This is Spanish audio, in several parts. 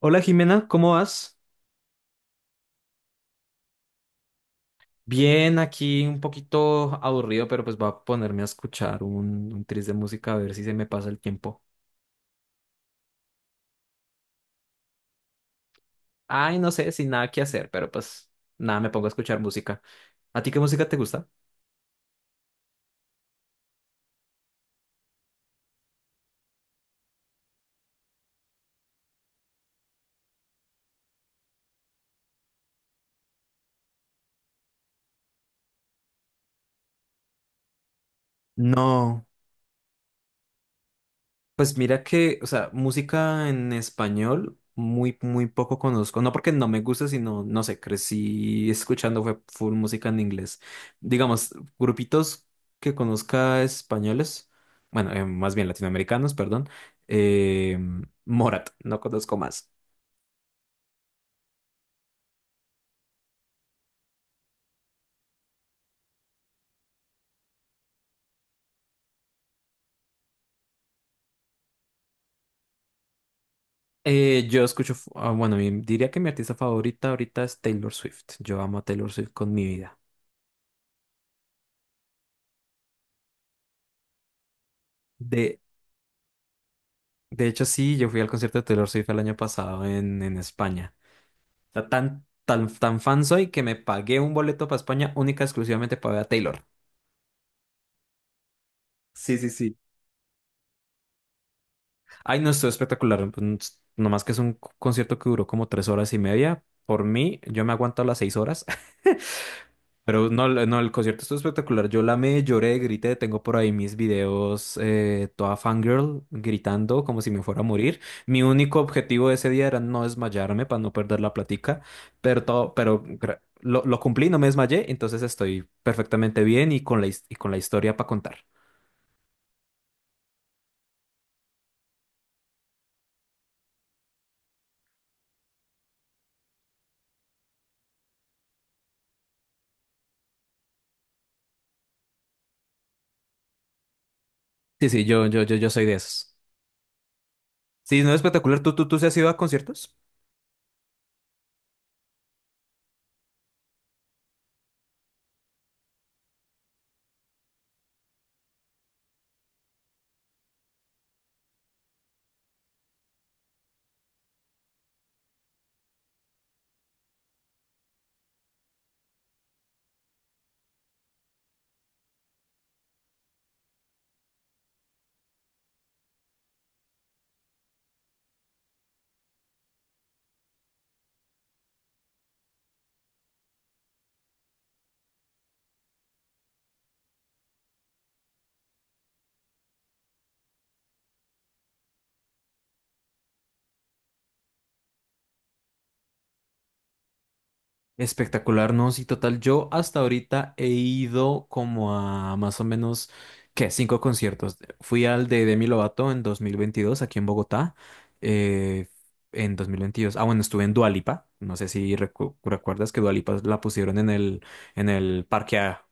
Hola Jimena, ¿cómo vas? Bien, aquí un poquito aburrido, pero pues voy a ponerme a escuchar un tris de música a ver si se me pasa el tiempo. Ay, no sé, sin nada que hacer, pero pues nada, me pongo a escuchar música. ¿A ti qué música te gusta? No. Pues mira que, o sea, música en español muy, muy poco conozco. No porque no me gusta, sino, no sé, crecí escuchando fue full música en inglés. Digamos, grupitos que conozca españoles, bueno, más bien latinoamericanos, perdón. eh, Morat, no conozco más. Yo escucho, ah, bueno, diría que mi artista favorita ahorita es Taylor Swift. Yo amo a Taylor Swift con mi vida. De, de hecho, sí, yo fui al concierto de Taylor Swift el año pasado en España. Sea, tan, tan, tan fan soy que me pagué un boleto para España única y exclusivamente para ver a Taylor. Sí, sí, sí. Ay, no, estuvo espectacular. Pues, nomás que es un concierto que duró como 3 horas y media. Por mí, yo me aguanto las 6 horas. Pero no, no, el concierto estuvo espectacular. Yo la me lloré, grité. Tengo por ahí mis videos, toda fangirl, gritando como si me fuera a morir. Mi único objetivo ese día era no desmayarme para no perder la platica. Pero todo, pero lo cumplí, no me desmayé. Entonces estoy perfectamente bien y con la historia para contar. Sí, sí, yo soy de esos. Sí, no es espectacular. ¿Tú sí has ido a conciertos? Espectacular, no, sí, total. Yo hasta ahorita he ido como a más o menos, ¿qué? Cinco conciertos. Fui al de Demi Lovato en 2022 aquí en Bogotá. Eh, en 2022 Ah, bueno, estuve en Dua Lipa. No sé si recuerdas que Dua Lipa la pusieron en el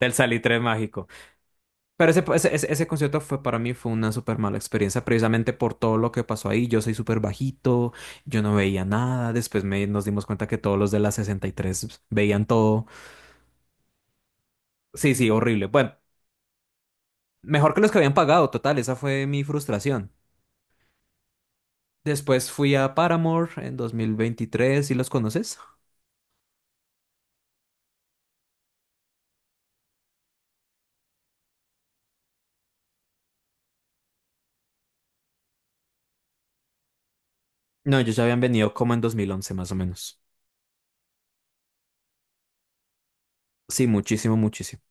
del Salitre Mágico. Pero ese concierto fue para mí fue una súper mala experiencia, precisamente por todo lo que pasó ahí. Yo soy súper bajito, yo no veía nada. Después nos dimos cuenta que todos los de la 63 veían todo. Sí, sí, horrible. Bueno, mejor que los que habían pagado, total, esa fue mi frustración. Después fui a Paramore en 2023. ¿Sí los conoces? No, ellos ya habían venido como en 2011 más o menos. Sí, muchísimo, muchísimo.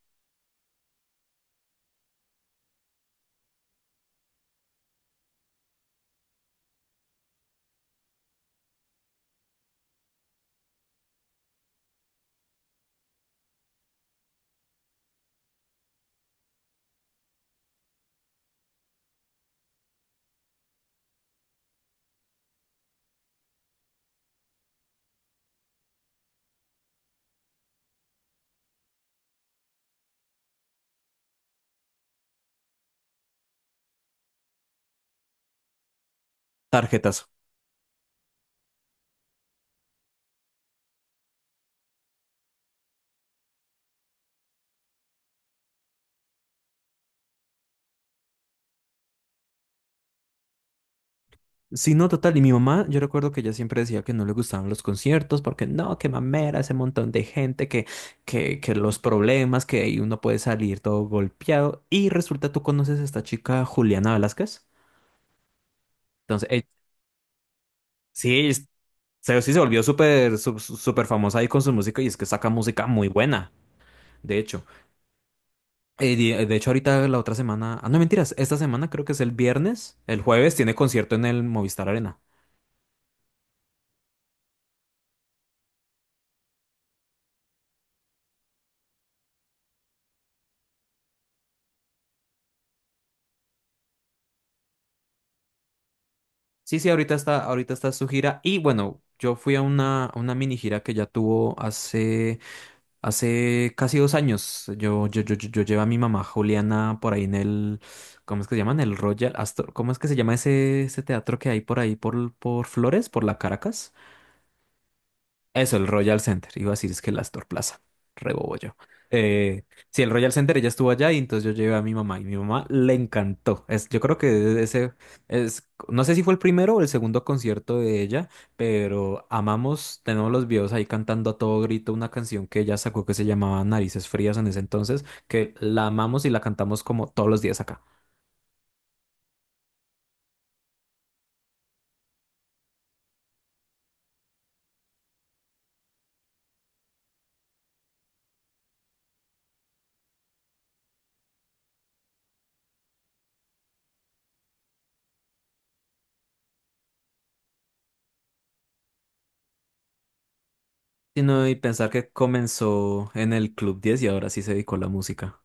Tarjetas. Sí, no, total. Y mi mamá, yo recuerdo que ella siempre decía que no le gustaban los conciertos porque no, qué mamera, ese montón de gente, que los problemas, que ahí uno puede salir todo golpeado. Y resulta, tú conoces a esta chica Juliana Velázquez. Entonces, sí, se volvió súper, súper famosa ahí con su música y es que saca música muy buena, de hecho. De hecho, ahorita la otra semana, ah, no mentiras, esta semana creo que es el viernes, el jueves tiene concierto en el Movistar Arena. Sí, sí, ahorita está su gira. Y bueno, yo fui a una, mini gira que ya tuvo hace casi 2 años. Yo llevé a mi mamá Juliana por ahí en el, ¿cómo es que se llaman? El Royal Astor, ¿cómo es que se llama ese teatro que hay por ahí por Flores, por la Caracas? Eso, el Royal Center. Iba a decir es que el Astor Plaza. Rebobo yo. Eh, sí, el Royal Center, ella estuvo allá y entonces yo llevé a mi mamá y mi mamá le encantó. Yo creo que no sé si fue el primero o el segundo concierto de ella, pero amamos, tenemos los videos ahí cantando a todo grito una canción que ella sacó que se llamaba Narices Frías en ese entonces, que la amamos y la cantamos como todos los días acá. Sino y pensar que comenzó en el Club 10 y ahora sí se dedicó a la música.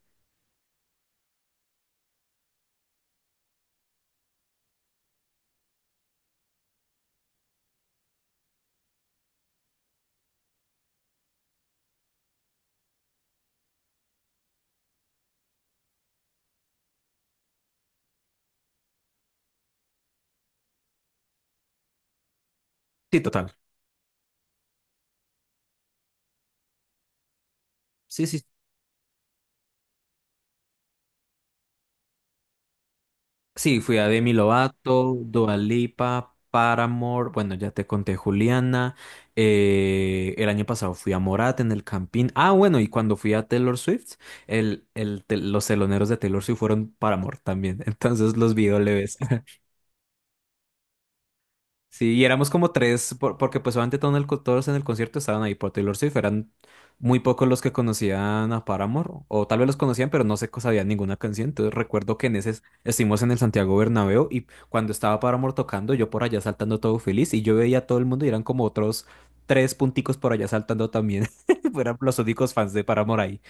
Sí, total. Sí, sí. Sí, fui a Demi Lovato, Dua Lipa, Paramore, bueno, ya te conté Juliana, el año pasado fui a Morat en el Campín, ah, bueno, y cuando fui a Taylor Swift, los teloneros de Taylor Swift fueron Paramore también, entonces los vi doble vez. Sí, y éramos como tres, porque pues obviamente todos en el concierto estaban ahí por Taylor Swift, eran muy pocos los que conocían a Paramore, o tal vez los conocían, pero no sabían ninguna canción, entonces recuerdo que estuvimos en el Santiago Bernabéu y cuando estaba Paramore tocando, yo por allá saltando todo feliz y yo veía a todo el mundo y eran como otros tres punticos por allá saltando también, eran los únicos fans de Paramore ahí.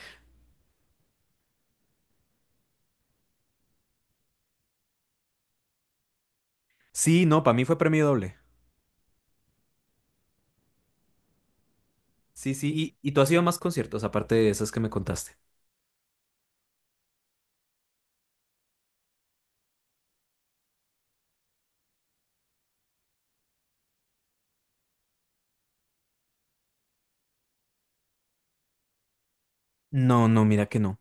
Sí, no, para mí fue premio doble. Sí, sí, y tú has ido a más conciertos aparte de esos que me contaste. No, no, mira que no.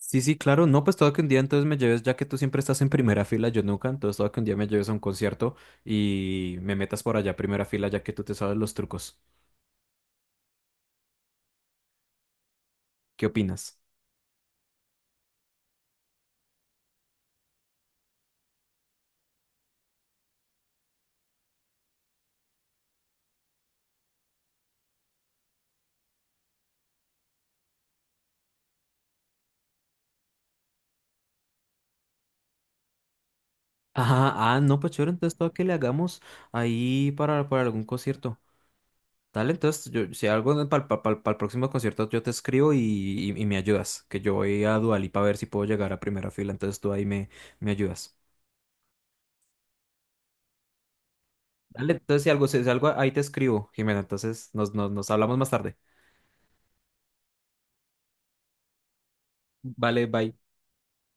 Sí, sí, claro. No, pues todo que un día entonces me lleves, ya que tú siempre estás en primera fila, yo nunca, entonces todo que un día me lleves a un concierto y me metas por allá a primera fila, ya que tú te sabes los trucos. ¿Qué opinas? Ah, ah, no, pues chévere, entonces todo que le hagamos ahí para algún concierto. Dale, entonces yo, si algo para el próximo concierto yo te escribo y me ayudas, que yo voy a Dualipa a ver si puedo llegar a primera fila, entonces tú ahí me ayudas. Dale, entonces si algo, si si algo ahí te escribo, Jimena, entonces nos hablamos más tarde. Vale, bye.